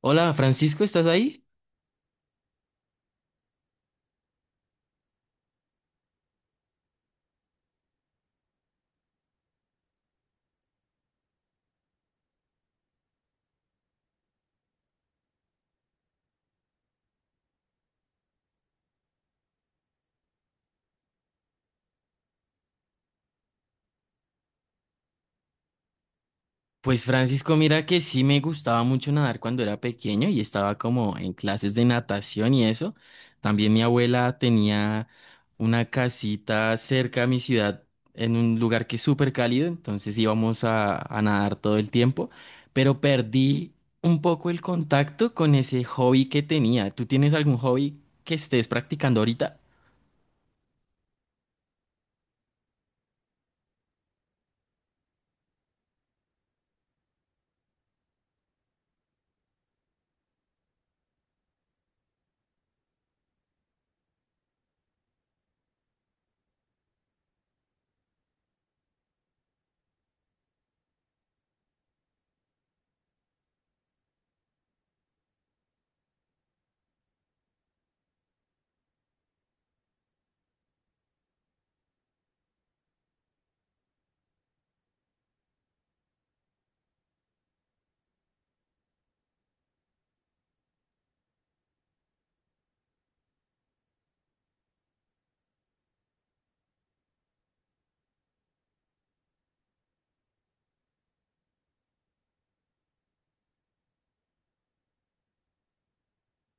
Hola, Francisco, ¿estás ahí? Pues Francisco, mira que sí me gustaba mucho nadar cuando era pequeño y estaba como en clases de natación y eso. También mi abuela tenía una casita cerca a mi ciudad en un lugar que es súper cálido, entonces íbamos a nadar todo el tiempo, pero perdí un poco el contacto con ese hobby que tenía. ¿Tú tienes algún hobby que estés practicando ahorita?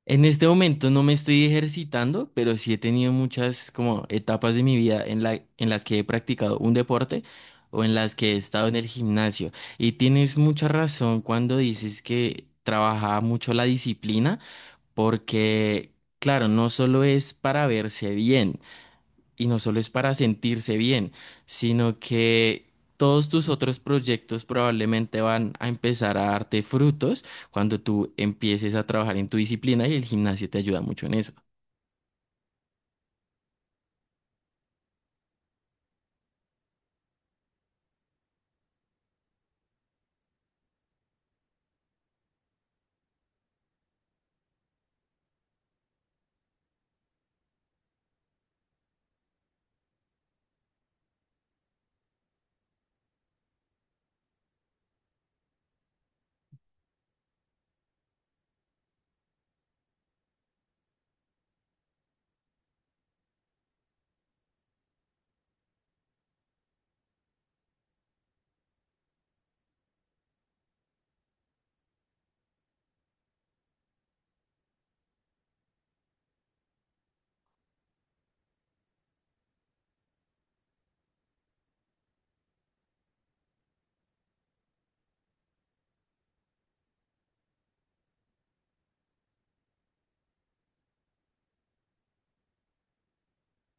En este momento no me estoy ejercitando, pero sí he tenido muchas como etapas de mi vida en las que he practicado un deporte o en las que he estado en el gimnasio. Y tienes mucha razón cuando dices que trabajaba mucho la disciplina, porque claro, no solo es para verse bien. Y no solo es para sentirse bien, sino que todos tus otros proyectos probablemente van a empezar a darte frutos cuando tú empieces a trabajar en tu disciplina y el gimnasio te ayuda mucho en eso.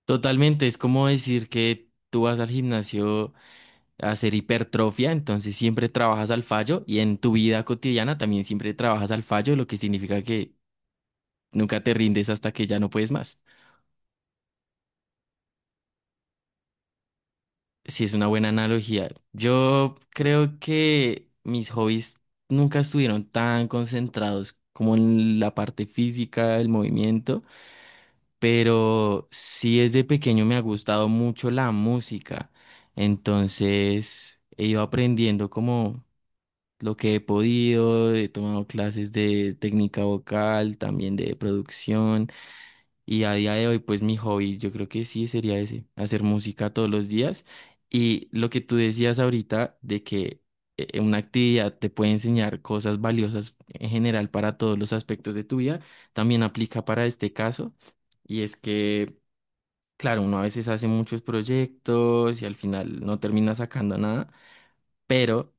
Totalmente, es como decir que tú vas al gimnasio a hacer hipertrofia, entonces siempre trabajas al fallo y en tu vida cotidiana también siempre trabajas al fallo, lo que significa que nunca te rindes hasta que ya no puedes más. Sí, es una buena analogía. Yo creo que mis hobbies nunca estuvieron tan concentrados como en la parte física, el movimiento, pero sí desde pequeño me ha gustado mucho la música. Entonces he ido aprendiendo como lo que he podido, he tomado clases de técnica vocal, también de producción. Y a día de hoy, pues mi hobby, yo creo que sí sería ese, hacer música todos los días. Y lo que tú decías ahorita de que una actividad te puede enseñar cosas valiosas en general para todos los aspectos de tu vida, también aplica para este caso. Y es que, claro, uno a veces hace muchos proyectos y al final no termina sacando nada, pero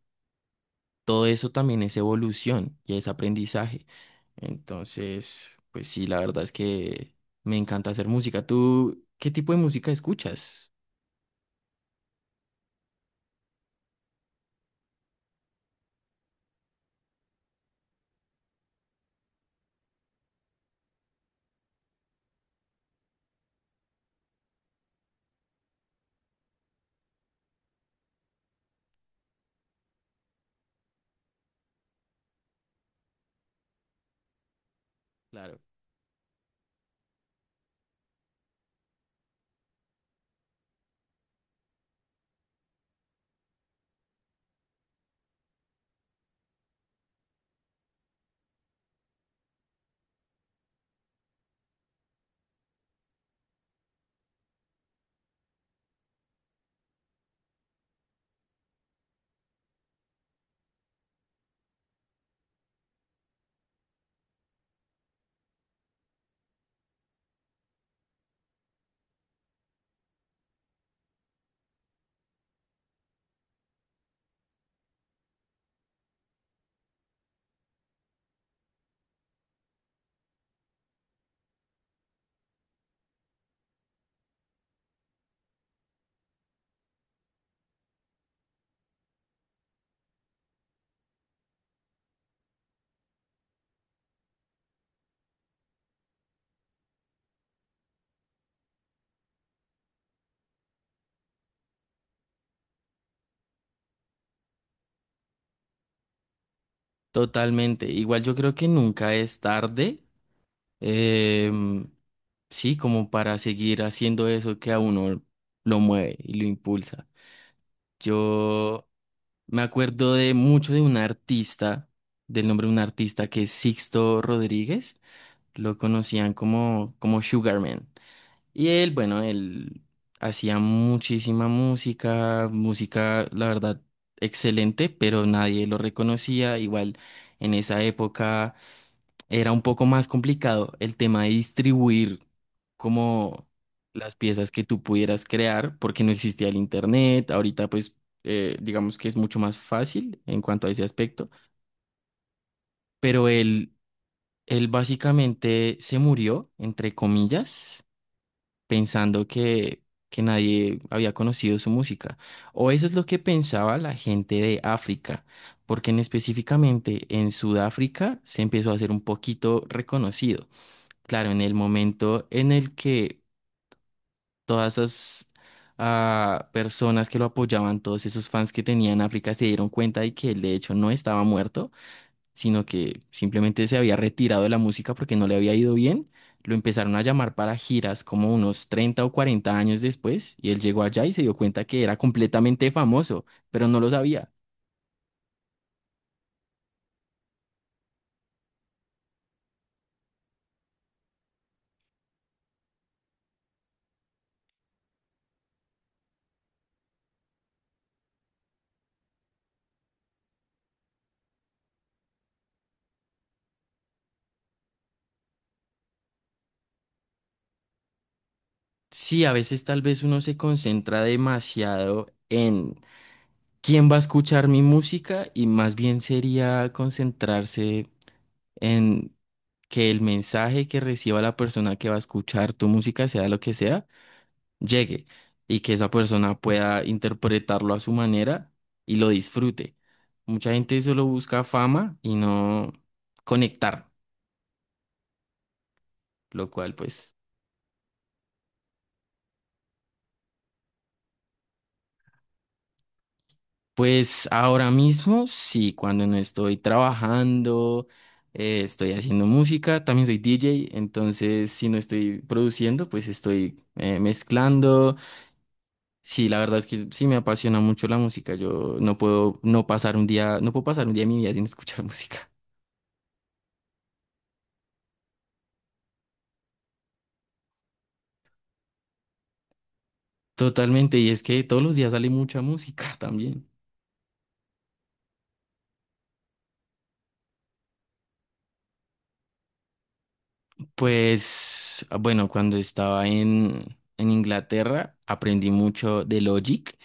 todo eso también es evolución y es aprendizaje. Entonces, pues sí, la verdad es que me encanta hacer música. ¿Tú qué tipo de música escuchas? Claro. Totalmente. Igual yo creo que nunca es tarde. em, sí, como para seguir haciendo eso que a uno lo mueve y lo impulsa. Yo me acuerdo de mucho de un artista, del nombre de un artista que es Sixto Rodríguez. Lo conocían como, como Sugarman. Y él, bueno, él hacía muchísima música, música, la verdad, excelente, pero nadie lo reconocía. Igual en esa época era un poco más complicado el tema de distribuir como las piezas que tú pudieras crear, porque no existía el internet. Ahorita, pues, digamos que es mucho más fácil en cuanto a ese aspecto, pero él básicamente se murió, entre comillas pensando que nadie había conocido su música. O eso es lo que pensaba la gente de África, porque en específicamente en Sudáfrica se empezó a hacer un poquito reconocido. Claro, en el momento en el que todas esas personas que lo apoyaban, todos esos fans que tenían África, se dieron cuenta de que él de hecho no estaba muerto, sino que simplemente se había retirado de la música porque no le había ido bien. Lo empezaron a llamar para giras como unos 30 o 40 años después y él llegó allá y se dio cuenta que era completamente famoso, pero no lo sabía. Sí, a veces tal vez uno se concentra demasiado en quién va a escuchar mi música y más bien sería concentrarse en que el mensaje que reciba la persona que va a escuchar tu música, sea lo que sea, llegue y que esa persona pueda interpretarlo a su manera y lo disfrute. Mucha gente solo busca fama y no conectar, lo cual pues, pues ahora mismo sí, cuando no estoy trabajando, estoy haciendo música, también soy DJ, entonces si no estoy produciendo, pues estoy mezclando. Sí, la verdad es que sí me apasiona mucho la música. Yo no puedo no pasar un día, no puedo pasar un día de mi vida sin escuchar música. Totalmente, y es que todos los días sale mucha música también. Pues bueno, cuando estaba en Inglaterra aprendí mucho de Logic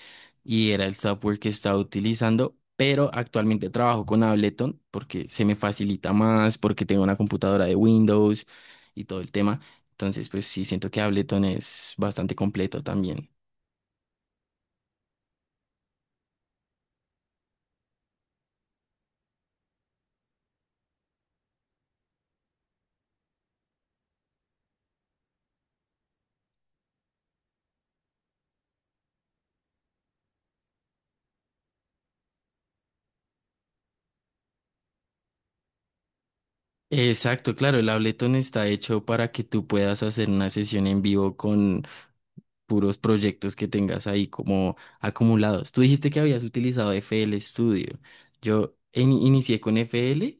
y era el software que estaba utilizando, pero actualmente trabajo con Ableton porque se me facilita más, porque tengo una computadora de Windows y todo el tema. Entonces, pues sí, siento que Ableton es bastante completo también. Exacto, claro, el Ableton está hecho para que tú puedas hacer una sesión en vivo con puros proyectos que tengas ahí como acumulados. Tú dijiste que habías utilizado FL Studio. Yo inicié con FL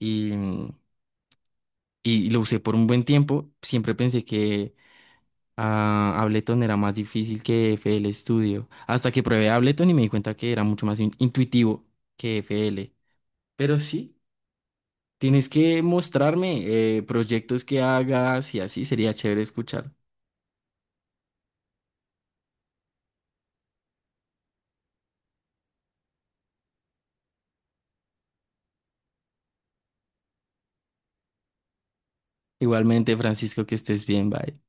y, y lo usé por un buen tiempo. Siempre pensé que Ableton era más difícil que FL Studio. Hasta que probé Ableton y me di cuenta que era mucho más intuitivo que FL. Pero sí, tienes que mostrarme proyectos que hagas y así sería chévere escuchar. Igualmente, Francisco, que estés bien, bye.